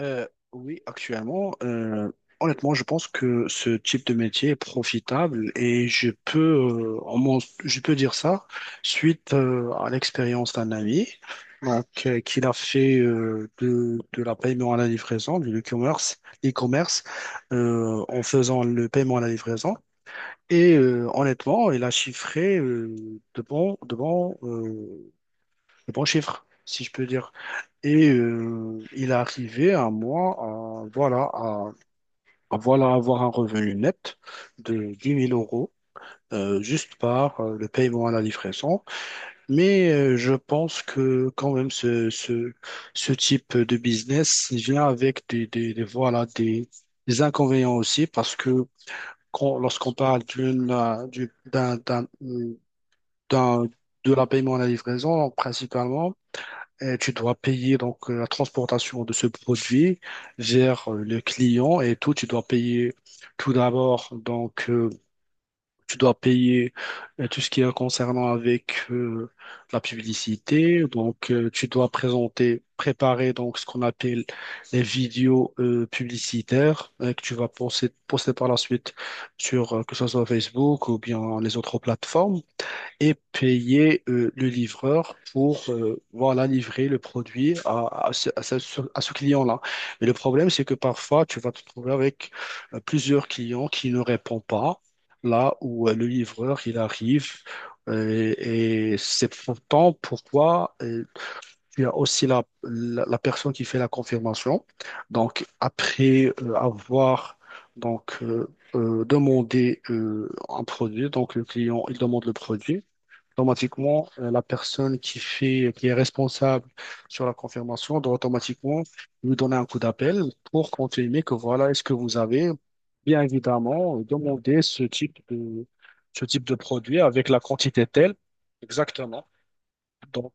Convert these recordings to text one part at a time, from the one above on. Oui, actuellement, honnêtement, je pense que ce type de métier est profitable et je peux, dire ça suite à l'expérience d'un ami donc, qu'il a fait de la paiement à la livraison, du e-commerce en faisant le paiement à la livraison. Et honnêtement, il a chiffré de bons de bons de bons chiffres, si je peux dire. Et il est arrivé à moi, voilà, à voilà, avoir un revenu net de 10 000 euros. Juste par le paiement à la livraison. Mais je pense que quand même ce type de business il vient avec voilà, des inconvénients aussi parce que lorsqu'on parle d'une, du- d'un, d'un, d'un- de la paiement à la livraison, principalement, et tu dois payer donc la transportation de ce produit vers le client et tout. Tu dois payer tout d'abord donc tu dois payer tout ce qui est concernant avec la publicité. Donc tu dois présenter, préparer donc ce qu'on appelle les vidéos publicitaires que tu vas poster par la suite sur que ce soit Facebook ou bien les autres plateformes et payer le livreur pour voilà, livrer le produit à ce client-là. Mais le problème, c'est que parfois, tu vas te trouver avec plusieurs clients qui ne répondent pas là où le livreur, il arrive. Et c'est pourtant pourquoi tu as aussi la personne qui fait la confirmation. Donc, après avoir donc, demandé un produit, donc le client, il demande le produit automatiquement, la personne qui fait, qui est responsable sur la confirmation doit automatiquement lui donner un coup d'appel pour confirmer que voilà, est-ce que vous avez bien évidemment demandé ce type de produit avec la quantité telle. Exactement. Donc,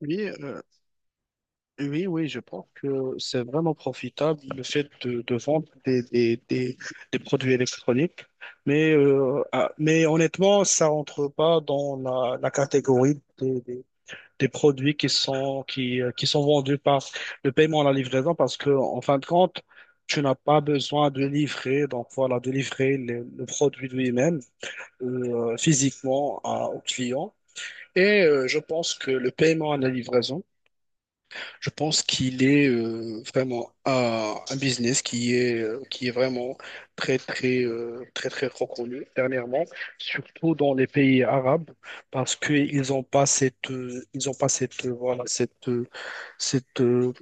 oui, oui, oui, je pense que c'est vraiment profitable le fait de vendre des produits électroniques. Ah, mais honnêtement, ça rentre pas dans la catégorie des produits qui sont vendus par le paiement à la livraison parce que, en fin de compte, tu n'as pas besoin de livrer, donc voilà, de livrer le produit lui-même physiquement au client. Et je pense que le paiement à la livraison, je pense qu'il est vraiment un business qui est vraiment très, très, très, très reconnu dernièrement, surtout dans les pays arabes parce qu'ils ont pas cette, voilà, cette, euh,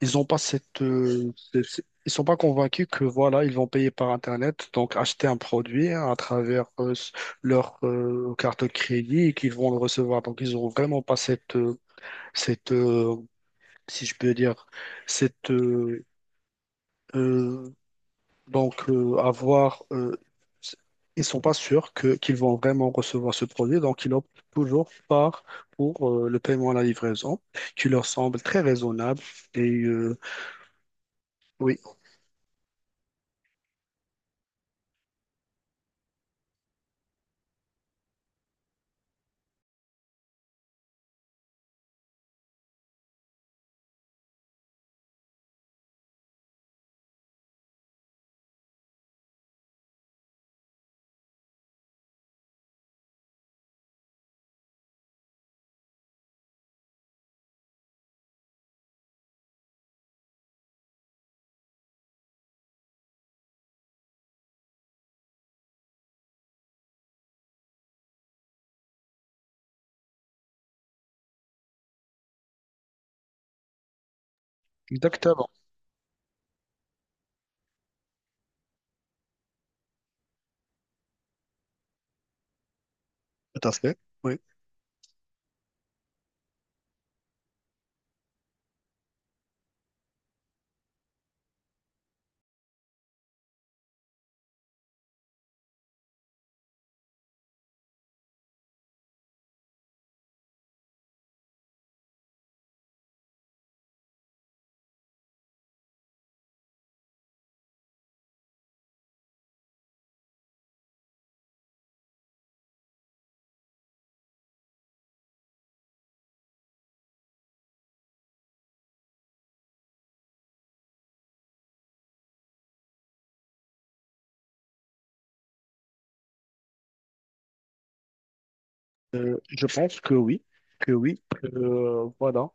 ils ont pas cette, ils sont pas convaincus que voilà, ils vont payer par Internet, donc acheter un produit hein, à travers leur carte de crédit et qu'ils vont le recevoir. Donc ils ont vraiment pas cette, euh, si je peux dire, cette, euh, donc avoir, s- ils sont pas sûrs que qu'ils vont vraiment recevoir ce produit, donc ils optent toujours par pour le paiement à la livraison, qui leur semble très raisonnable et oui, exactement. Tout à fait. Oui. Je pense que oui. Que oui. Voilà.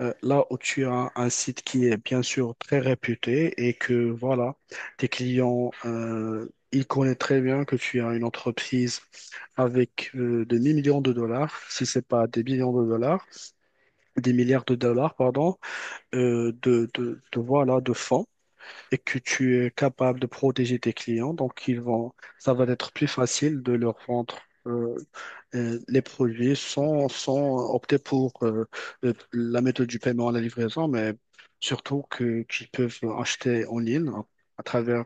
Là où tu as un site qui est bien sûr très réputé et que voilà, tes clients, ils connaissent très bien que tu as une entreprise avec des millions de dollars, si c'est pas des millions de dollars, des milliards de dollars, pardon, voilà, de fonds et que tu es capable de protéger tes clients. Donc, ça va être plus facile de leur vendre. euh, les produits sont optés pour la méthode du paiement à la livraison, mais surtout que qu'ils peuvent acheter en ligne à travers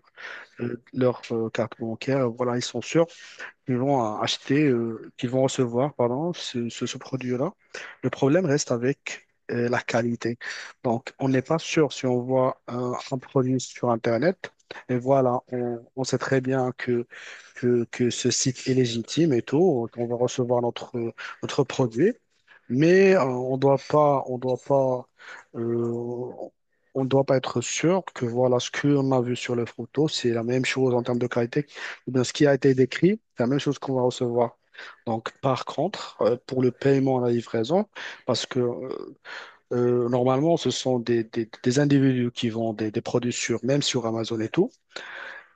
leur carte bancaire. Voilà, ils sont sûrs qui vont acheter, qui vont recevoir, pardon, ce produit-là. Le problème reste avec la qualité. Donc, on n'est pas sûr si on voit un produit sur Internet. Et voilà, on sait très bien que ce site est légitime et tout, qu'on va recevoir notre produit. Mais euh, on doit pas être sûr que voilà ce qu'on a vu sur les photos, c'est la même chose en termes de qualité ou bien ce qui a été décrit, c'est la même chose qu'on va recevoir. Donc, par contre, pour le paiement à la livraison, parce que normalement, ce sont des individus qui vendent des produits même sur Amazon et tout.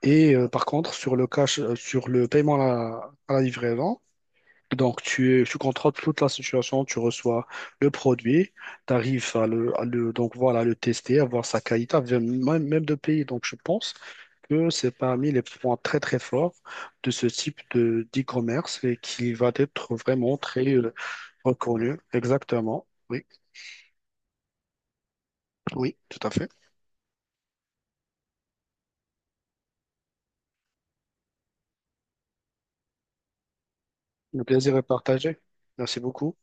Et par contre, sur le cash, sur le paiement à à la livraison, donc tu contrôles toute la situation, tu reçois le produit, tu arrives donc voilà, le tester, à voir sa qualité, à même de payer. Donc, je pense que c'est parmi les points très très forts de ce type de d'e-commerce et qui va être vraiment très reconnu. Exactement. Oui, oui, tout à fait. Le plaisir est partagé. Merci beaucoup.